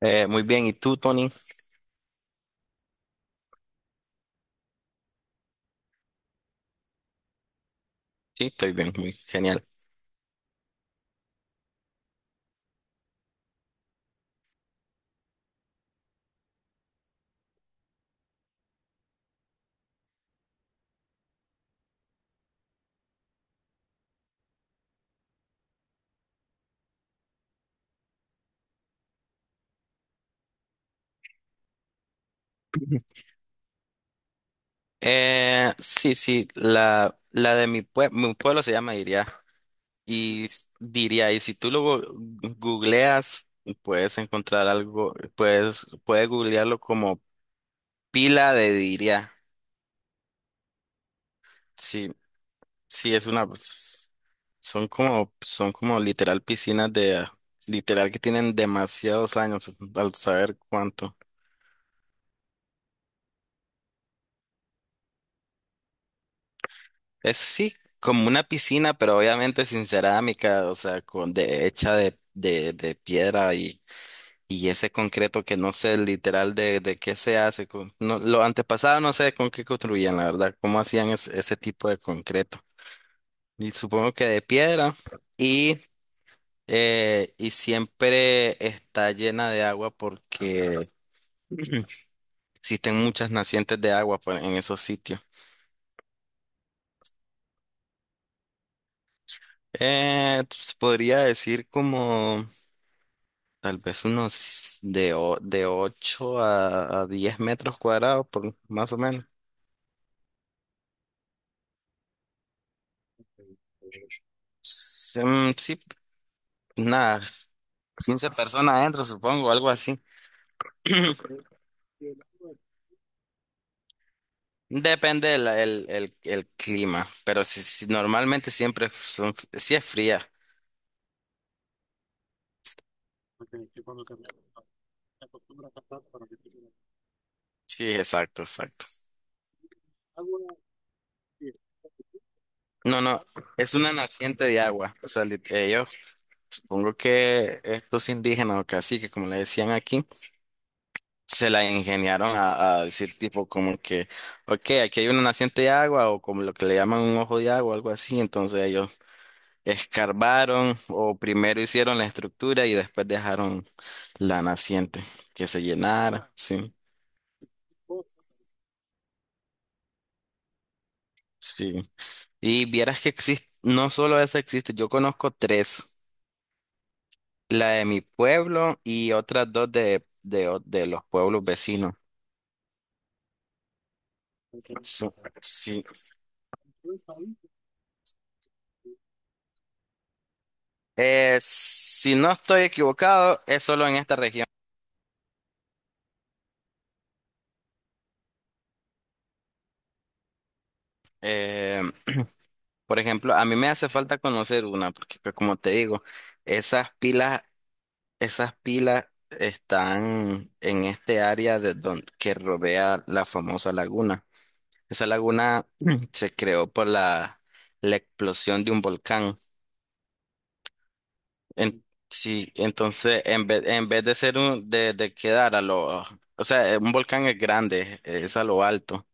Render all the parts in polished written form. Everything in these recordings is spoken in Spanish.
Muy bien, ¿y tú, Tony? Sí, estoy bien, muy genial. Sí, la de mi, mi pueblo se llama Iria. Y diría, y si tú lo googleas, puedes encontrar algo, puedes, puedes googlearlo como pila de Diria. Sí, sí, es una, pues, son como literal piscinas de, literal que tienen demasiados años, al saber cuánto. Es sí, como una piscina, pero obviamente sin cerámica, o sea, con de, hecha de, de piedra y ese concreto que no sé literal de qué se hace. Con, no, lo antepasado no sé con qué construían, la verdad, cómo hacían ese tipo de concreto. Y supongo que de piedra y, y siempre está llena de agua porque existen muchas nacientes de agua pues, en esos sitios. Se podría decir como... Tal vez unos de, de 8 a 10 metros cuadrados, por, más o menos. Sí, mm, sí, nada, 15 personas adentro, supongo, algo así. Depende el, el clima, pero si, si normalmente siempre son, si es fría. Sí, exacto, exacto. No, no, es una naciente de agua. O sea, yo supongo que estos indígenas o caciques, como le decían aquí, se la ingeniaron a decir tipo como que, ok, aquí hay una naciente de agua o como lo que le llaman un ojo de agua, algo así. Entonces ellos escarbaron o primero hicieron la estructura y después dejaron la naciente que se llenara. Sí, sí. Y vieras que existe, no solo esa existe, yo conozco tres, la de mi pueblo y otras dos de los pueblos vecinos. Ok. Sí. Sí. Si no estoy equivocado, es solo en esta región. Eh, por ejemplo, a mí me hace falta conocer una, porque pues, como te digo, esas pilas, esas pilas están en este área de que rodea la famosa laguna. Esa laguna se creó por la, la explosión de un volcán. En- sí, entonces en vez de ser un, de quedar a lo, o sea, un volcán es grande, es a lo alto,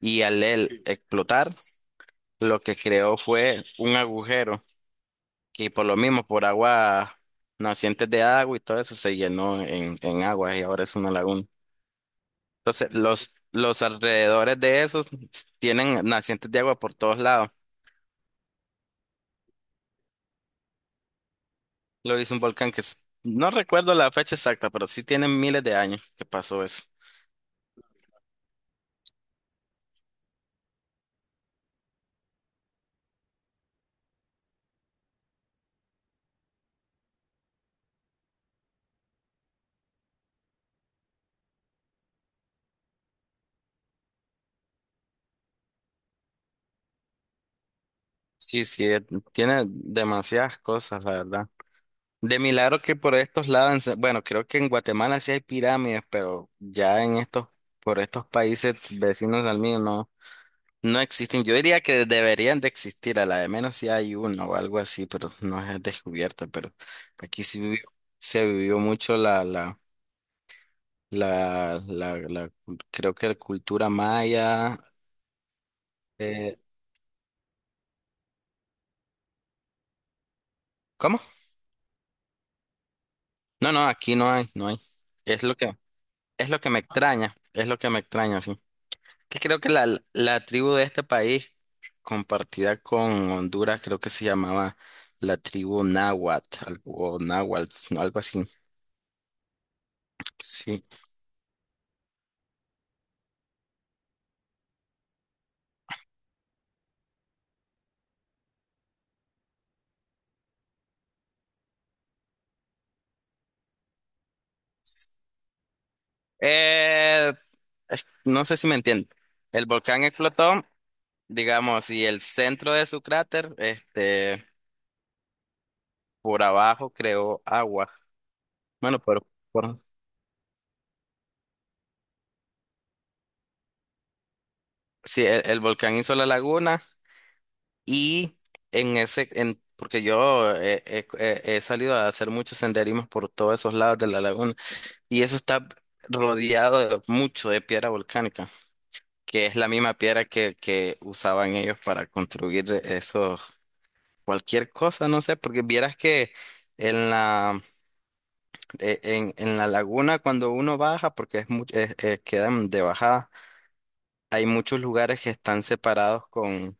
y al él explotar, lo que creó fue un agujero. Y por lo mismo, por agua, nacientes de agua y todo eso se llenó en agua y ahora es una laguna. Entonces, los alrededores de esos tienen nacientes de agua por todos lados. Lo hizo un volcán que no recuerdo la fecha exacta, pero sí tiene miles de años que pasó eso. Sí, sí, tiene demasiadas cosas, la verdad. De milagro que por estos lados, en bueno, creo que en Guatemala sí hay pirámides, pero ya en estos, por estos países vecinos al mío, no. No existen, yo diría que deberían de existir, a la de menos si hay uno o algo así, pero no es descubierta, pero aquí se vivió mucho la creo que la cultura maya, eh, ¿cómo? No, no, aquí no hay, no hay, es lo que, es lo que me extraña, es lo que me extraña, sí, que creo que la tribu de este país, compartida con Honduras, creo que se llamaba la tribu náhuatl, o náhuatl, algo así, sí. Eh, no sé si me entiendo. El volcán explotó, digamos, y el centro de su cráter, este, por abajo creó agua. Bueno, por, sí, el volcán hizo la laguna y en ese, en, porque yo he salido a hacer muchos senderismos por todos esos lados de la laguna y eso está rodeado de mucho de piedra volcánica, que es la misma piedra que usaban ellos para construir eso. Cualquier cosa, no sé, porque vieras que en la, en la laguna cuando uno baja, porque es mucho, quedan de bajada, hay muchos lugares que están separados con,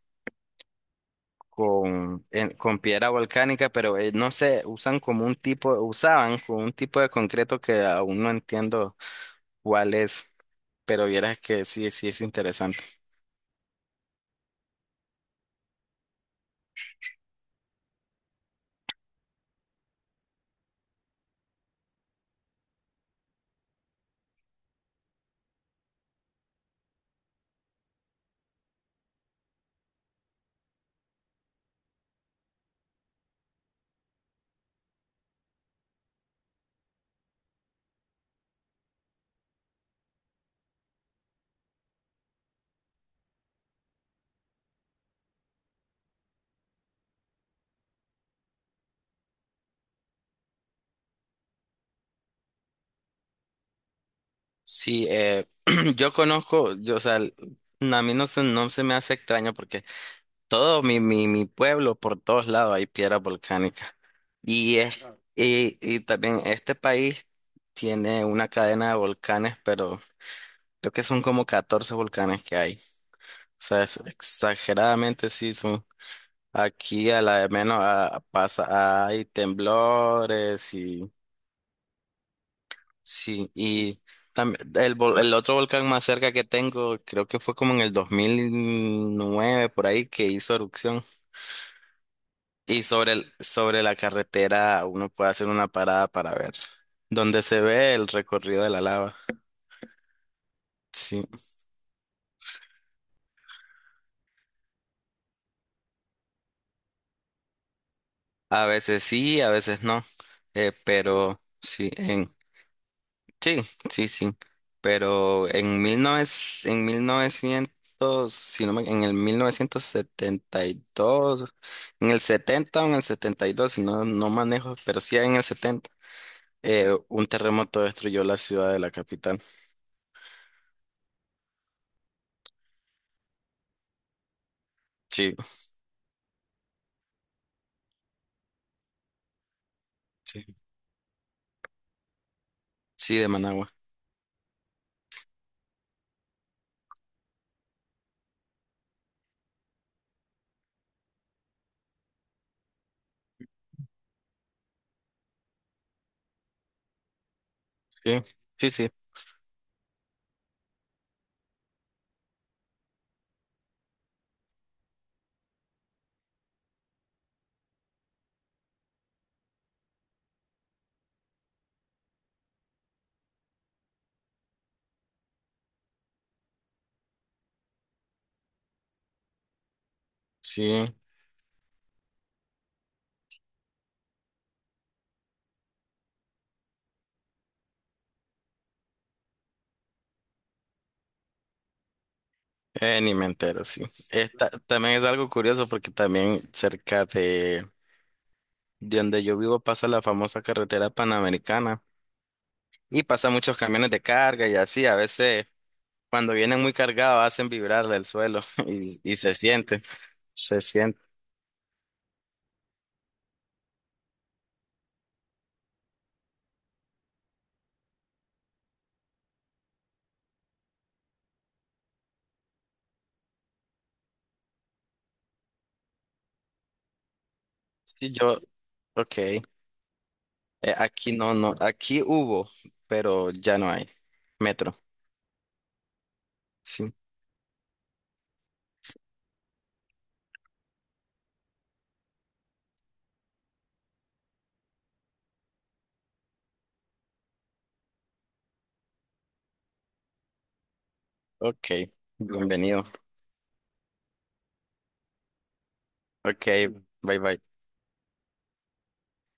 con piedra volcánica, pero no sé, usan como un tipo, usaban como un tipo de concreto que aún no entiendo cuál es, pero vieras que sí, sí es interesante. Sí, yo conozco, yo, o sea, a mí no se, no se me hace extraño porque todo mi, mi pueblo, por todos lados hay piedras volcánicas. Y, es, y también este país tiene una cadena de volcanes, pero creo que son como 14 volcanes que hay. O sea, es exageradamente sí son. Aquí a la de menos ah, pasa, hay temblores y sí. Y también el, el otro volcán más cerca que tengo, creo que fue como en el 2009 por ahí, que hizo erupción. Y sobre sobre la carretera uno puede hacer una parada para ver dónde se ve el recorrido de la lava. Sí, sí, a veces no. Pero sí, en, sí, sí, sí. Pero en 1900, en 1900 si no en el 1972, en el 70 o en el 72, no, no manejo, pero sí en el 70 un terremoto destruyó la ciudad de la capital. Sí, sí, sí, de Managua. Sí, sí. Sí, ni me entero, sí. Esta, también es algo curioso porque también cerca de donde yo vivo pasa la famosa carretera panamericana y pasa muchos camiones de carga y así. A veces cuando vienen muy cargados hacen vibrar el suelo y se siente, se siente. Sí, yo, ok, aquí no, no, aquí hubo, pero ya no hay metro. Sí, ok, bienvenido. Ok, bye bye.